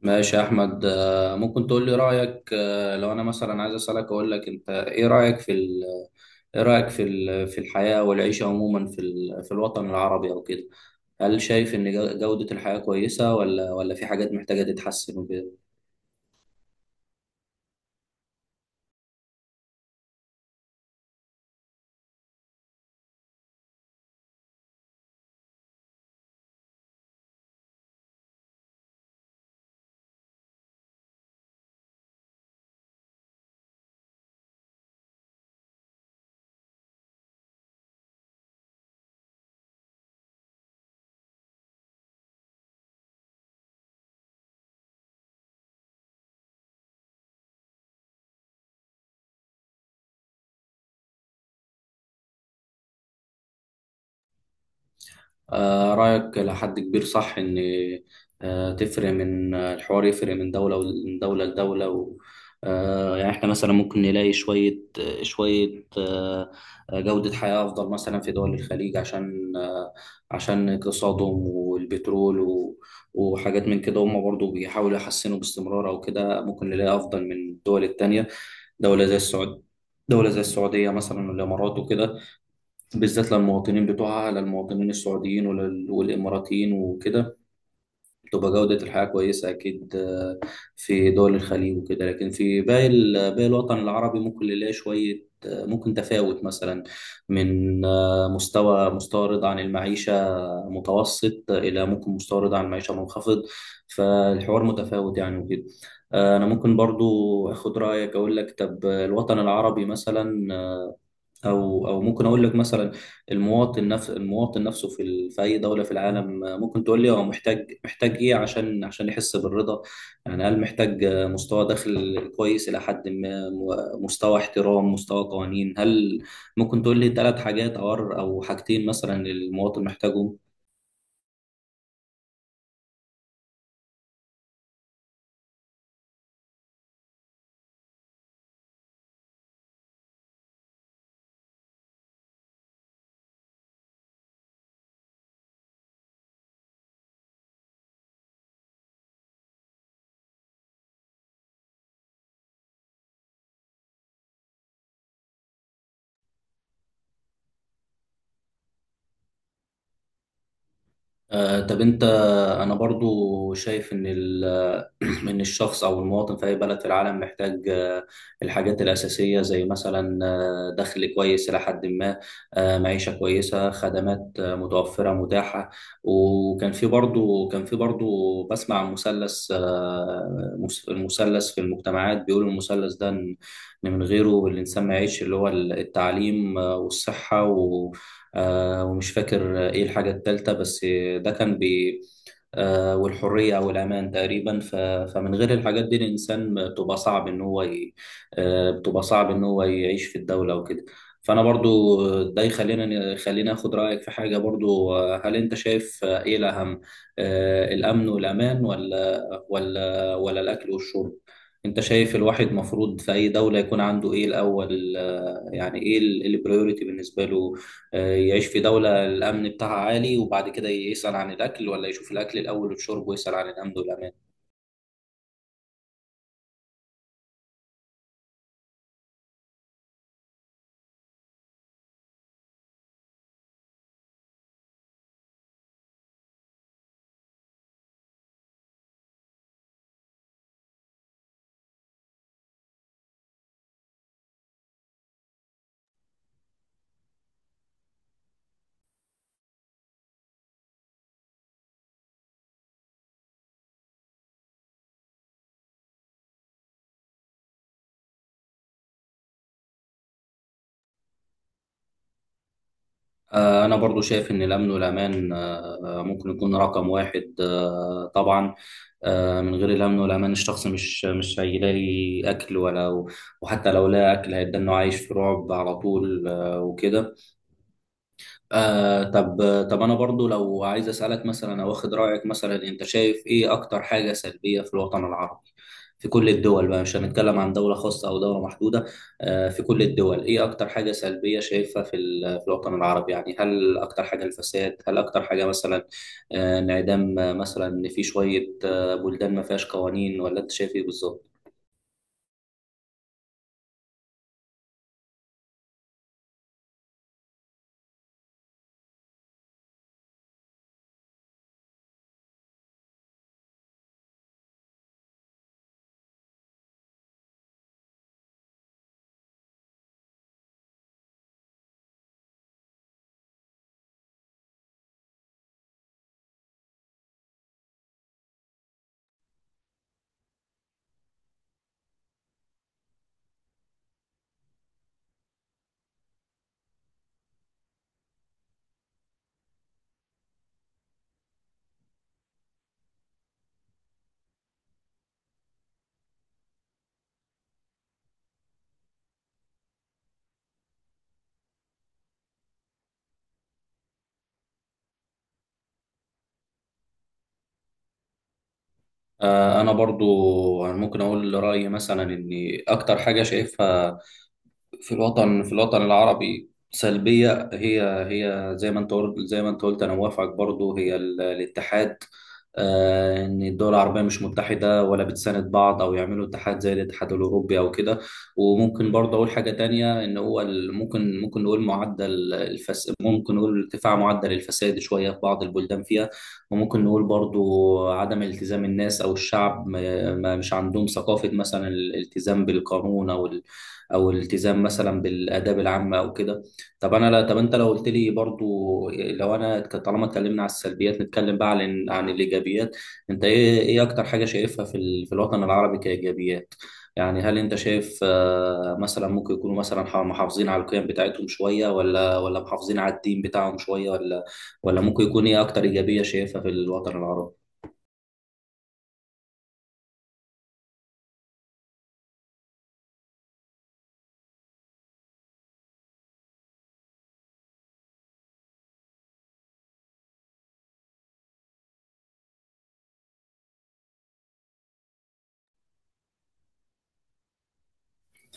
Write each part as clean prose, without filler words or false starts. ماشي يا احمد ممكن تقول لي رايك، لو انا مثلا عايز اسالك اقول لك انت ايه رايك في ايه رايك في ال... في الحياه والعيشه عموما في في الوطن العربي او كده. هل شايف ان جوده الحياه كويسه ولا في حاجات محتاجه تتحسن وكده؟ رأيك لحد كبير صح. إن تفرق من، الحوار يفرق من دولة لدولة. و يعني إحنا مثلا ممكن نلاقي شوية، جودة حياة أفضل مثلا في دول الخليج عشان، عشان اقتصادهم والبترول وحاجات من كده. هم برضو بيحاولوا يحسنوا باستمرار أو كده، ممكن نلاقي أفضل من الدول التانية. دولة زي السعود دولة زي السعودية مثلا والإمارات وكده، بالذات للمواطنين بتوعها، للمواطنين السعوديين والإماراتيين وكده، بتبقى جودة الحياة كويسة أكيد، في دول الخليج وكده. لكن في باقي باقي الوطن العربي ممكن نلاقي شوية، ممكن تفاوت مثلا من، مستوى رضا عن المعيشة متوسط إلى ممكن مستوى رضا عن المعيشة منخفض. فالحوار متفاوت يعني وكده. أنا ممكن برضو أخد رأيك، أقول لك طب الوطن العربي مثلا، او ممكن اقول لك مثلا المواطن، نفس المواطن نفسه في في اي دوله في العالم، ممكن تقول لي هو محتاج، ايه عشان، يحس بالرضا. يعني هل محتاج، مستوى دخل كويس الى حد ما، مستوى احترام، مستوى قوانين؟ هل ممكن تقول لي ثلاث حاجات او حاجتين مثلا المواطن محتاجهم؟ طب انت، انا برضو شايف ان ان الشخص او المواطن في اي بلد في العالم محتاج، الحاجات الاساسيه زي مثلا، دخل كويس الى حد ما، معيشه كويسه، خدمات، متوفره متاحه. وكان في برضو كان في برضو بسمع عن مثلث، المثلث في المجتمعات، بيقولوا المثلث ده ان، من غيره الانسان ما يعيش، اللي هو التعليم، والصحه، و آه، ومش فاكر ايه الحاجه الثالثه. بس ده كان بي والحرية أو الأمان تقريبا. فمن غير الحاجات دي الإنسان بتبقى صعب إن هو ي... آه، بتبقى صعب إن هو يعيش في الدولة وكده. فأنا برضو ده يخلينا، آخد رأيك في حاجة برضو، هل أنت شايف، إيه الأهم، الأمن والأمان ولا الأكل والشرب؟ أنت شايف الواحد مفروض في أي دولة يكون عنده إيه الأول، يعني إيه البريوريتي بالنسبة له؟ يعيش في دولة الأمن بتاعها عالي وبعد كده يسأل عن الأكل، ولا يشوف الأكل الأول والشرب ويسأل عن الأمن والأمان؟ أنا برضو شايف إن الأمن والأمان، ممكن يكون رقم واحد، طبعا. من غير الأمن والأمان الشخص مش هيلاقي أكل ولا، وحتى لو لقى أكل هيبدأ إنه عايش في رعب على طول، وكده. آه طب طب انا برضو لو عايز اسالك مثلا او اخد رايك مثلا، انت شايف ايه اكتر حاجه سلبيه في الوطن العربي؟ في كل الدول بقى، مش هنتكلم عن دوله خاصه او دوله محدوده، آه في كل الدول ايه اكتر حاجه سلبيه شايفها في في الوطن العربي؟ يعني هل اكتر حاجه الفساد، هل اكتر حاجه مثلا، انعدام، مثلا ان في شويه آه بلدان ما فيهاش قوانين، ولا انت شايف ايه بالظبط؟ انا برضو ممكن اقول رايي مثلا، ان اكتر حاجه شايفها في الوطن، العربي سلبية، هي هي، زي ما انت قلت انا موافقك برضو، هي الاتحاد، ان الدول العربية مش متحدة ولا بتساند بعض او يعملوا اتحاد زي الاتحاد الاوروبي او كده. وممكن برضه اقول حاجة تانية، ان هو ممكن نقول ارتفاع معدل الفساد شوية في بعض البلدان فيها. وممكن نقول برضو عدم التزام الناس او الشعب، مش عندهم ثقافة مثلا الالتزام بالقانون، او الالتزام مثلا بالاداب العامه او كده. طب انا لا طب انت لو قلت لي برضو، لو انا طالما اتكلمنا على السلبيات نتكلم بقى عن الايجابيات، انت ايه اكتر حاجه شايفها في في الوطن العربي كايجابيات؟ يعني هل انت شايف، مثلا ممكن يكونوا مثلا محافظين على القيم بتاعتهم شويه، ولا محافظين على الدين بتاعهم شويه، ولا ممكن يكون ايه اكتر ايجابيه شايفها في الوطن العربي؟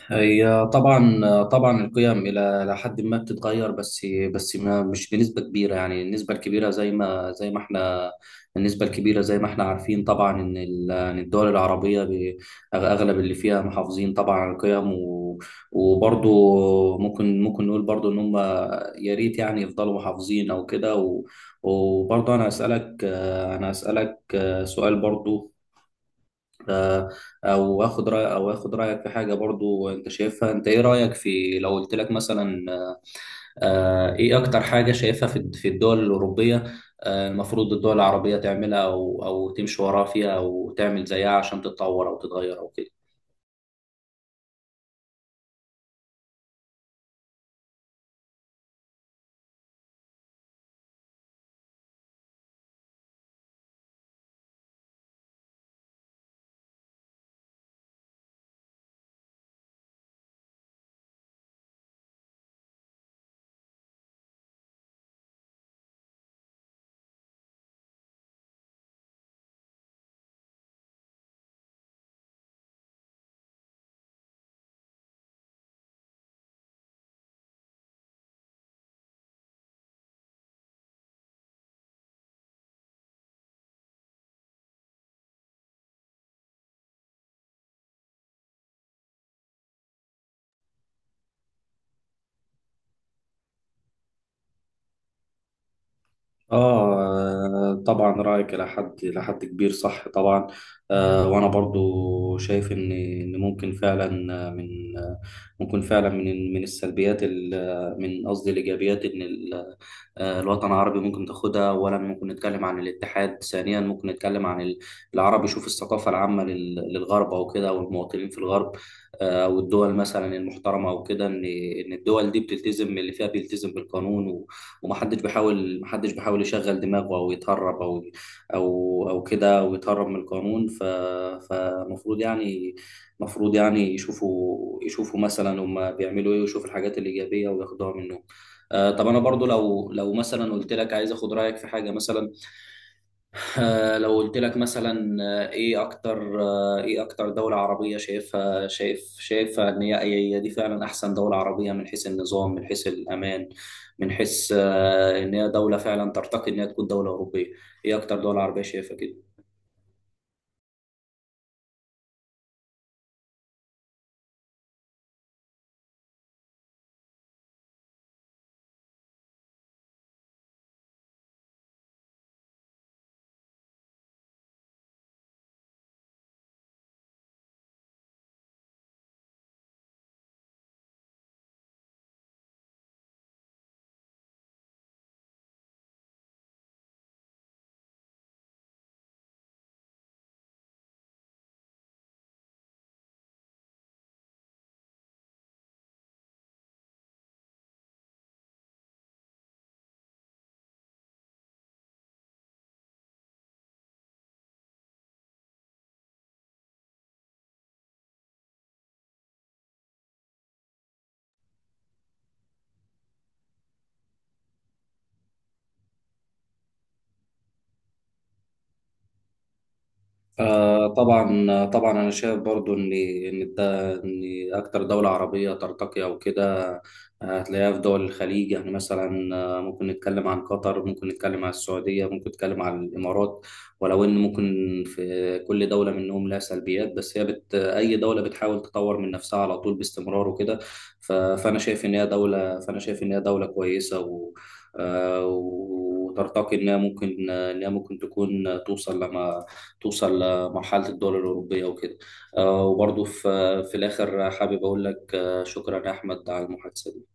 هي طبعا القيم الى إلى حد ما بتتغير، بس ما مش بنسبه كبيره. يعني النسبه الكبيره زي ما زي ما احنا النسبه الكبيره زي ما احنا عارفين طبعا ان إن الدول العربيه اغلب اللي فيها محافظين طبعا على القيم، وبرضو ممكن نقول برضو ان هم يا ريت يعني يفضلوا محافظين او كده. وبرضو انا اسالك سؤال برضو، آه، او اخد رايك في حاجه برضو انت شايفها. انت ايه رايك في لو قلت لك مثلا، ايه اكتر حاجه شايفها في في الدول الاوروبيه، المفروض الدول العربيه تعملها او تمشي وراها فيها او تعمل زيها عشان تتطور او تتغير او كده؟ آه طبعا رأيك إلى حد، كبير صح طبعا. آه وأنا برضو شايف إن ممكن فعلا من من السلبيات من قصدي الإيجابيات، إن الوطن العربي ممكن تاخدها. أولا ممكن نتكلم عن الاتحاد، ثانيا ممكن نتكلم عن العرب يشوف الثقافة العامة للغرب أو كده، والمواطنين في الغرب، والدول مثلا المحترمة أو كده، إن الدول دي بتلتزم، اللي فيها بيلتزم بالقانون. ومحدش بيحاول، محدش بيحاول يشغل دماغه او يتهرب، او كده او يتهرب من القانون. ف فمفروض يعني مفروض يعني يشوفوا، مثلا هم بيعملوا ايه، ويشوفوا الحاجات الايجابيه وياخدوها منهم. طب انا برضو لو مثلا قلت لك عايز اخد رايك في حاجه مثلا، لو قلت لك مثلا، ايه اكتر دولة عربية شايفها، شايفها ان هي، دي فعلا احسن دولة عربية من حيث النظام، من حيث الامان، من حيث، ان هي دولة فعلا ترتقي ان هي تكون دولة اوروبية؟ ايه اكتر دولة عربية شايفها كده؟ آه طبعا انا شايف برضو ان ده، ان اكتر دوله عربيه ترتقي او كده، هتلاقيها في دول الخليج. يعني مثلا، ممكن نتكلم عن قطر، ممكن نتكلم عن السعوديه، ممكن نتكلم عن الامارات. ولو ان ممكن في كل دوله منهم لها سلبيات، بس هي اي دوله بتحاول تطور من نفسها على طول باستمرار وكده. فانا شايف ان هي دوله كويسه، و آه، وترتقي انها ممكن، تكون توصل توصل لمرحلة الدول الأوروبية وكده. وبرضه في في الآخر حابب أقول لك، شكرا يا أحمد على المحادثة دي.